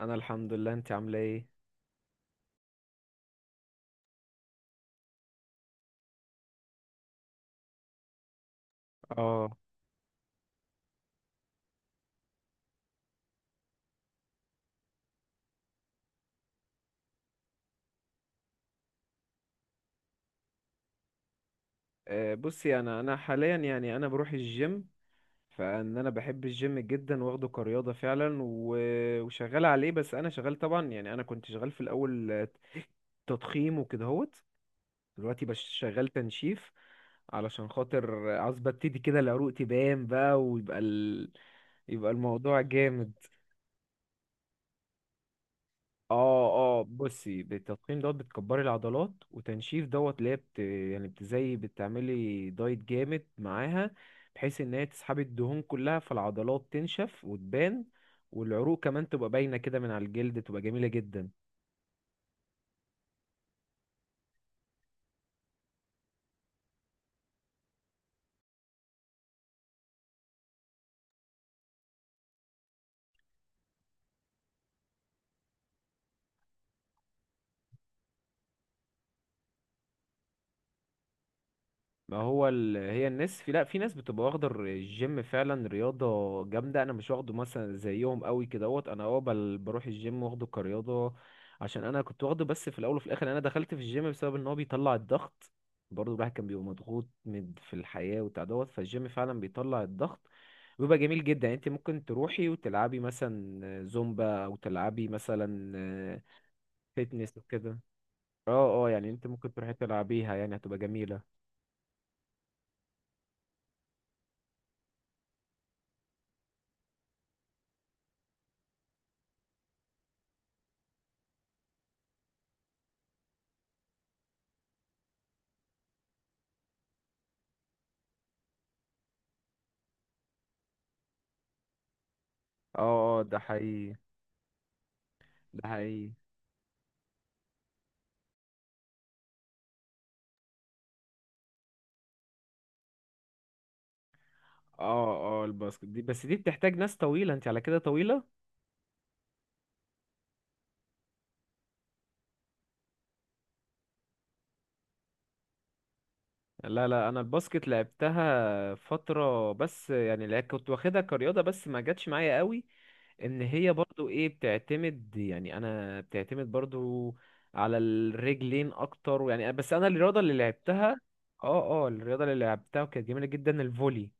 انا الحمد لله، انت عامله ايه؟ اه. بصي، انا حاليا يعني انا بروح الجيم، فان انا بحب الجيم جدا واخده كرياضه فعلا، وشغال عليه. بس انا شغال طبعا، يعني انا كنت شغال في الاول تضخيم وكده هوت. دلوقتي بش شغال تنشيف، علشان خاطر عاوز ببتدي كده العروق تبان بقى ويبقى يبقى الموضوع جامد. اه اه، بصي، بالتضخيم دوت بتكبري العضلات، وتنشيف دوت اللي هي يعني بتزي بتعملي دايت جامد معاها، بحيث ان هي تسحبي الدهون كلها فالعضلات تنشف وتبان، والعروق كمان تبقى باينة كده من على الجلد، تبقى جميلة جدا. ما هو هي الناس في، لا، في ناس بتبقى واخدة الجيم فعلا رياضة جامدة، انا مش واخده مثلا زيهم قوي كدهوت. انا اه بروح الجيم واخده كرياضة، عشان انا كنت واخده بس في الاول وفي الاخر. انا دخلت في الجيم بسبب ان هو بيطلع الضغط، برضه الواحد كان بيبقى مضغوط من في الحياة وبتاع دوت. فالجيم فعلا بيطلع الضغط وبيبقى جميل جدا. يعني انت ممكن تروحي وتلعبي مثلا زومبا، او تلعبي مثلا فيتنس وكده. اه اه، يعني انت ممكن تروحي تلعبيها، يعني هتبقى جميلة. اه اه ده حقيقي. ده حقيقي. اه اه، الباسكت دي، بس دي بتحتاج ناس طويلة، انت على كده طويلة. لا لا، انا الباسكت لعبتها فترة بس، يعني كنت واخدها كرياضة بس ما جاتش معايا قوي. ان هي برضو ايه، بتعتمد، يعني انا بتعتمد برضو على الرجلين اكتر يعني، بس انا الرياضة اللي لعبتها. اه اه، الرياضة اللي لعبتها وكانت جميلة جدا الفولي.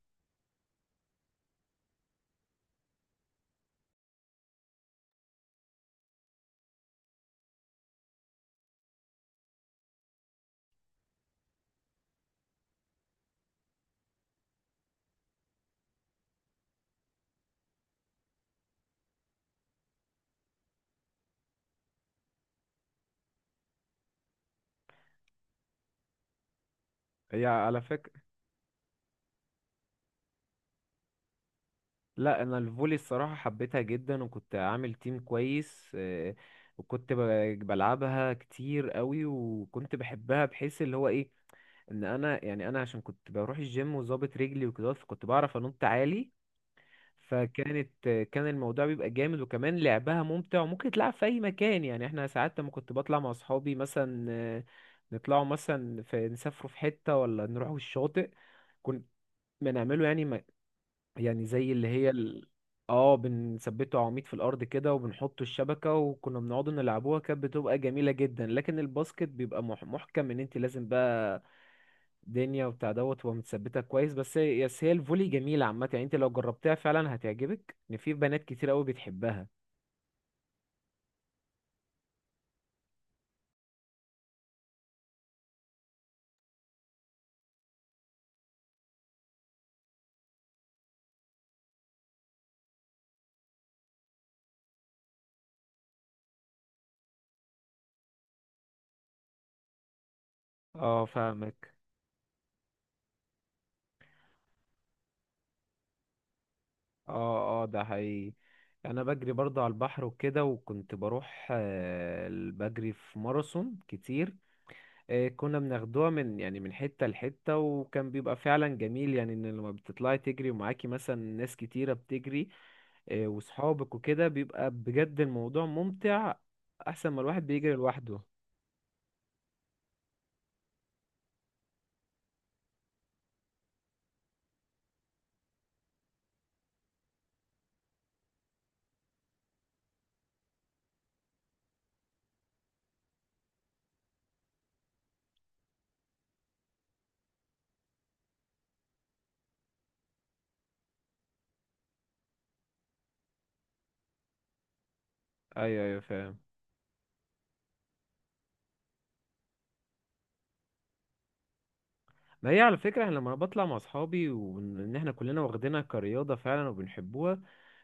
هي على فكرة، لا، انا الفولي الصراحه حبيتها جدا، وكنت عامل تيم كويس، وكنت بلعبها كتير قوي، وكنت بحبها، بحيث اللي هو ايه ان انا، يعني انا عشان كنت بروح الجيم وظابط رجلي وكده، فكنت بعرف انط عالي. فكانت آه، كان الموضوع بيبقى جامد، وكمان لعبها ممتع، وممكن تلعب في اي مكان. يعني احنا ساعات لما كنت بطلع مع اصحابي مثلا، نطلعوا مثلا في، نسافروا في حته ولا نروحوا الشاطئ، كنا بنعمله يعني، يعني زي اللي هي اه، بنثبته عواميد في الارض كده، وبنحط الشبكه، وكنا بنقعد نلعبوها، كانت بتبقى جميله جدا. لكن الباسكت بيبقى محكم، ان انت لازم بقى دنيا وبتاع دوت تبقى متثبته كويس. بس هي الفولي جميله عامه، يعني انت لو جربتها فعلا هتعجبك، ان في بنات كتير قوي بتحبها. اه فاهمك. اه اه ده حقيقي. انا بجري برضه على البحر وكده، وكنت بروح بجري في ماراثون كتير. كنا بناخدوها من، يعني من حتة لحتة، وكان بيبقى فعلا جميل. يعني ان لما بتطلعي تجري ومعاكي مثلا ناس كتيرة بتجري، وصحابك وكده، بيبقى بجد الموضوع ممتع، احسن ما الواحد بيجري لوحده. ايوه ايوه فاهم. ما هي على فكرة، أنا لما بطلع مع اصحابي، وان إن احنا كلنا واخدينها كرياضة فعلا وبنحبوها،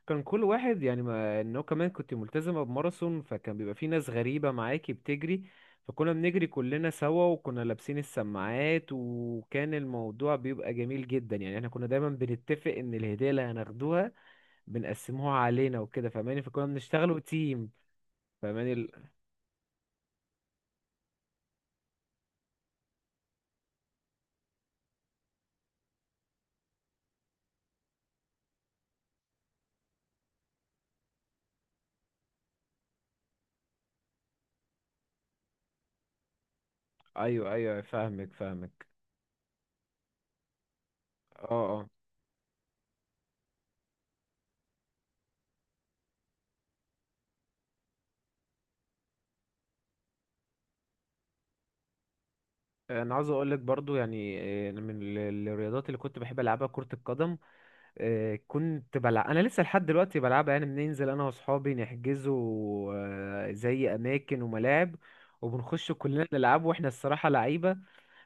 كان كل واحد يعني، ما انه كمان كنت ملتزمة بماراثون، فكان بيبقى في ناس غريبة معاكي بتجري، فكنا بنجري كلنا سوا، وكنا لابسين السماعات، وكان الموضوع بيبقى جميل جدا. يعني احنا كنا دايما بنتفق ان الهدية اللي هناخدوها بنقسموها علينا وكده، فاهماني؟ فكنا بنشتغلوا تيم. فاهماني ايوه ايوه فاهمك فاهمك. اه اه، انا عاوز اقول لك برضو يعني من الرياضات اللي كنت بحب العبها كرة القدم. كنت بلعب، انا لسه لحد دلوقتي بلعبها، يعني بننزل انا واصحابي نحجزوا زي اماكن وملاعب، وبنخش كلنا نلعب، واحنا الصراحه لعيبه.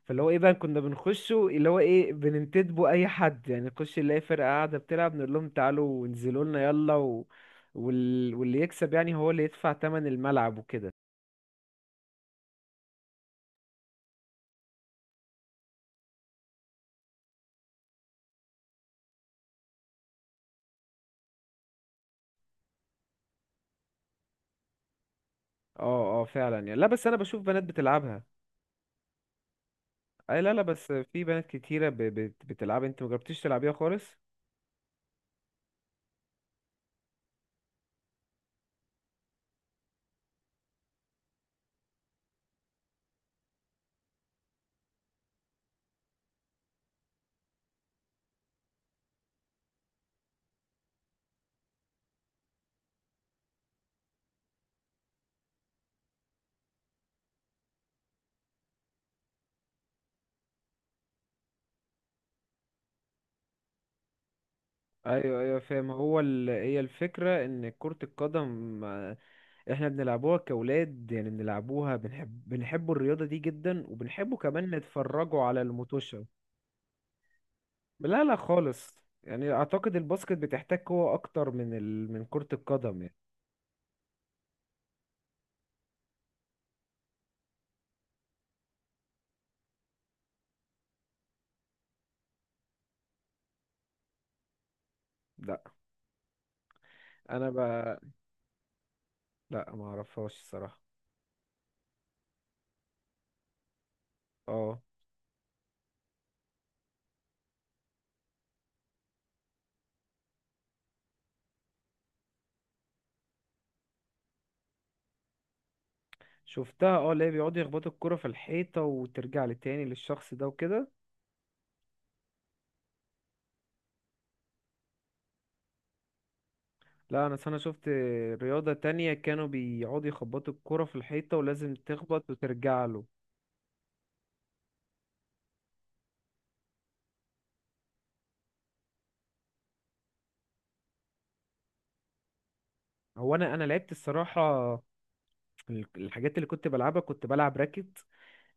فاللي هو ايه بقى، كنا بنخشه اللي هو ايه، بننتدبوا اي حد، يعني نخش نلاقي فرقه قاعده بتلعب نقول لهم تعالوا وانزلوا لنا يلا، و... وال... واللي يكسب يعني هو اللي يدفع تمن الملعب وكده. اه اه فعلا، يعني لا، بس انا بشوف بنات بتلعبها. اي لا لا، بس في بنات كتيره بتلعبها، انت مجربتيش تلعبيها خالص؟ ايوه ايوه فاهم. هو هي الفكره ان كره القدم، احنا بنلعبوها كاولاد، يعني بنلعبوها، بنحبوا الرياضه دي جدا، وبنحبوا كمان نتفرجوا على المتوشه. لا لا خالص، يعني اعتقد الباسكت بتحتاج قوه اكتر من من كره القدم يعني. لا انا لا ما اعرفهاش الصراحه. اه شفتها، اه، اللي هي بيقعدوا يخبطوا الكره في الحيطه وترجع لتاني للشخص ده وكده. لا، انا شفت رياضة تانية كانوا بيقعدوا يخبطوا الكرة في الحيطة، ولازم تخبط وترجع له. هو انا لعبت الصراحة، الحاجات اللي كنت بلعبها، كنت بلعب راكت.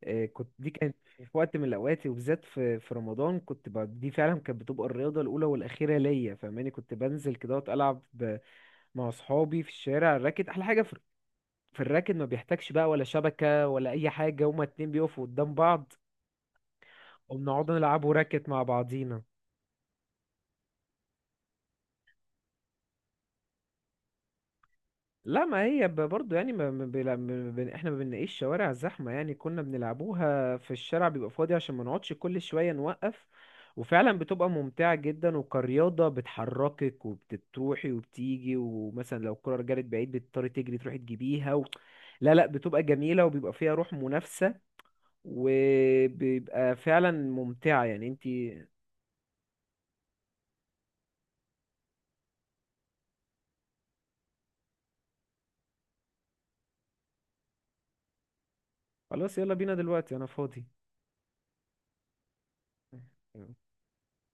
كنت، دي كانت في وقت من الاوقات، وبالذات في في رمضان، كنت دي فعلا كانت بتبقى الرياضة الاولى والاخيرة ليا، فاهماني؟ كنت بنزل كده وأقعد العب مع اصحابي في الشارع الراكت. احلى حاجة في، في الراكت ما بيحتاجش بقى ولا شبكة ولا اي حاجة، هما اتنين بيقفوا قدام بعض وبنقعد نلعبوا راكت مع بعضينا. لا، ما هي برضو يعني، ما ما بيلا- ما بن- احنا ما بنلاقيش شوارع زحمة، يعني كنا بنلعبوها في الشارع بيبقى فاضي، عشان ما نقعدش كل شوية نوقف. وفعلا بتبقى ممتعة جدا، وكرياضة بتحركك وبتروحي وبتيجي، ومثلا لو الكرة رجعت بعيد بتضطري تجري تروحي تجيبيها. و... لا لا، بتبقى جميلة، وبيبقى فيها روح منافسة، وبيبقى فعلا ممتعة يعني انتي. خلاص يلا بينا دلوقتي، انا فاضي.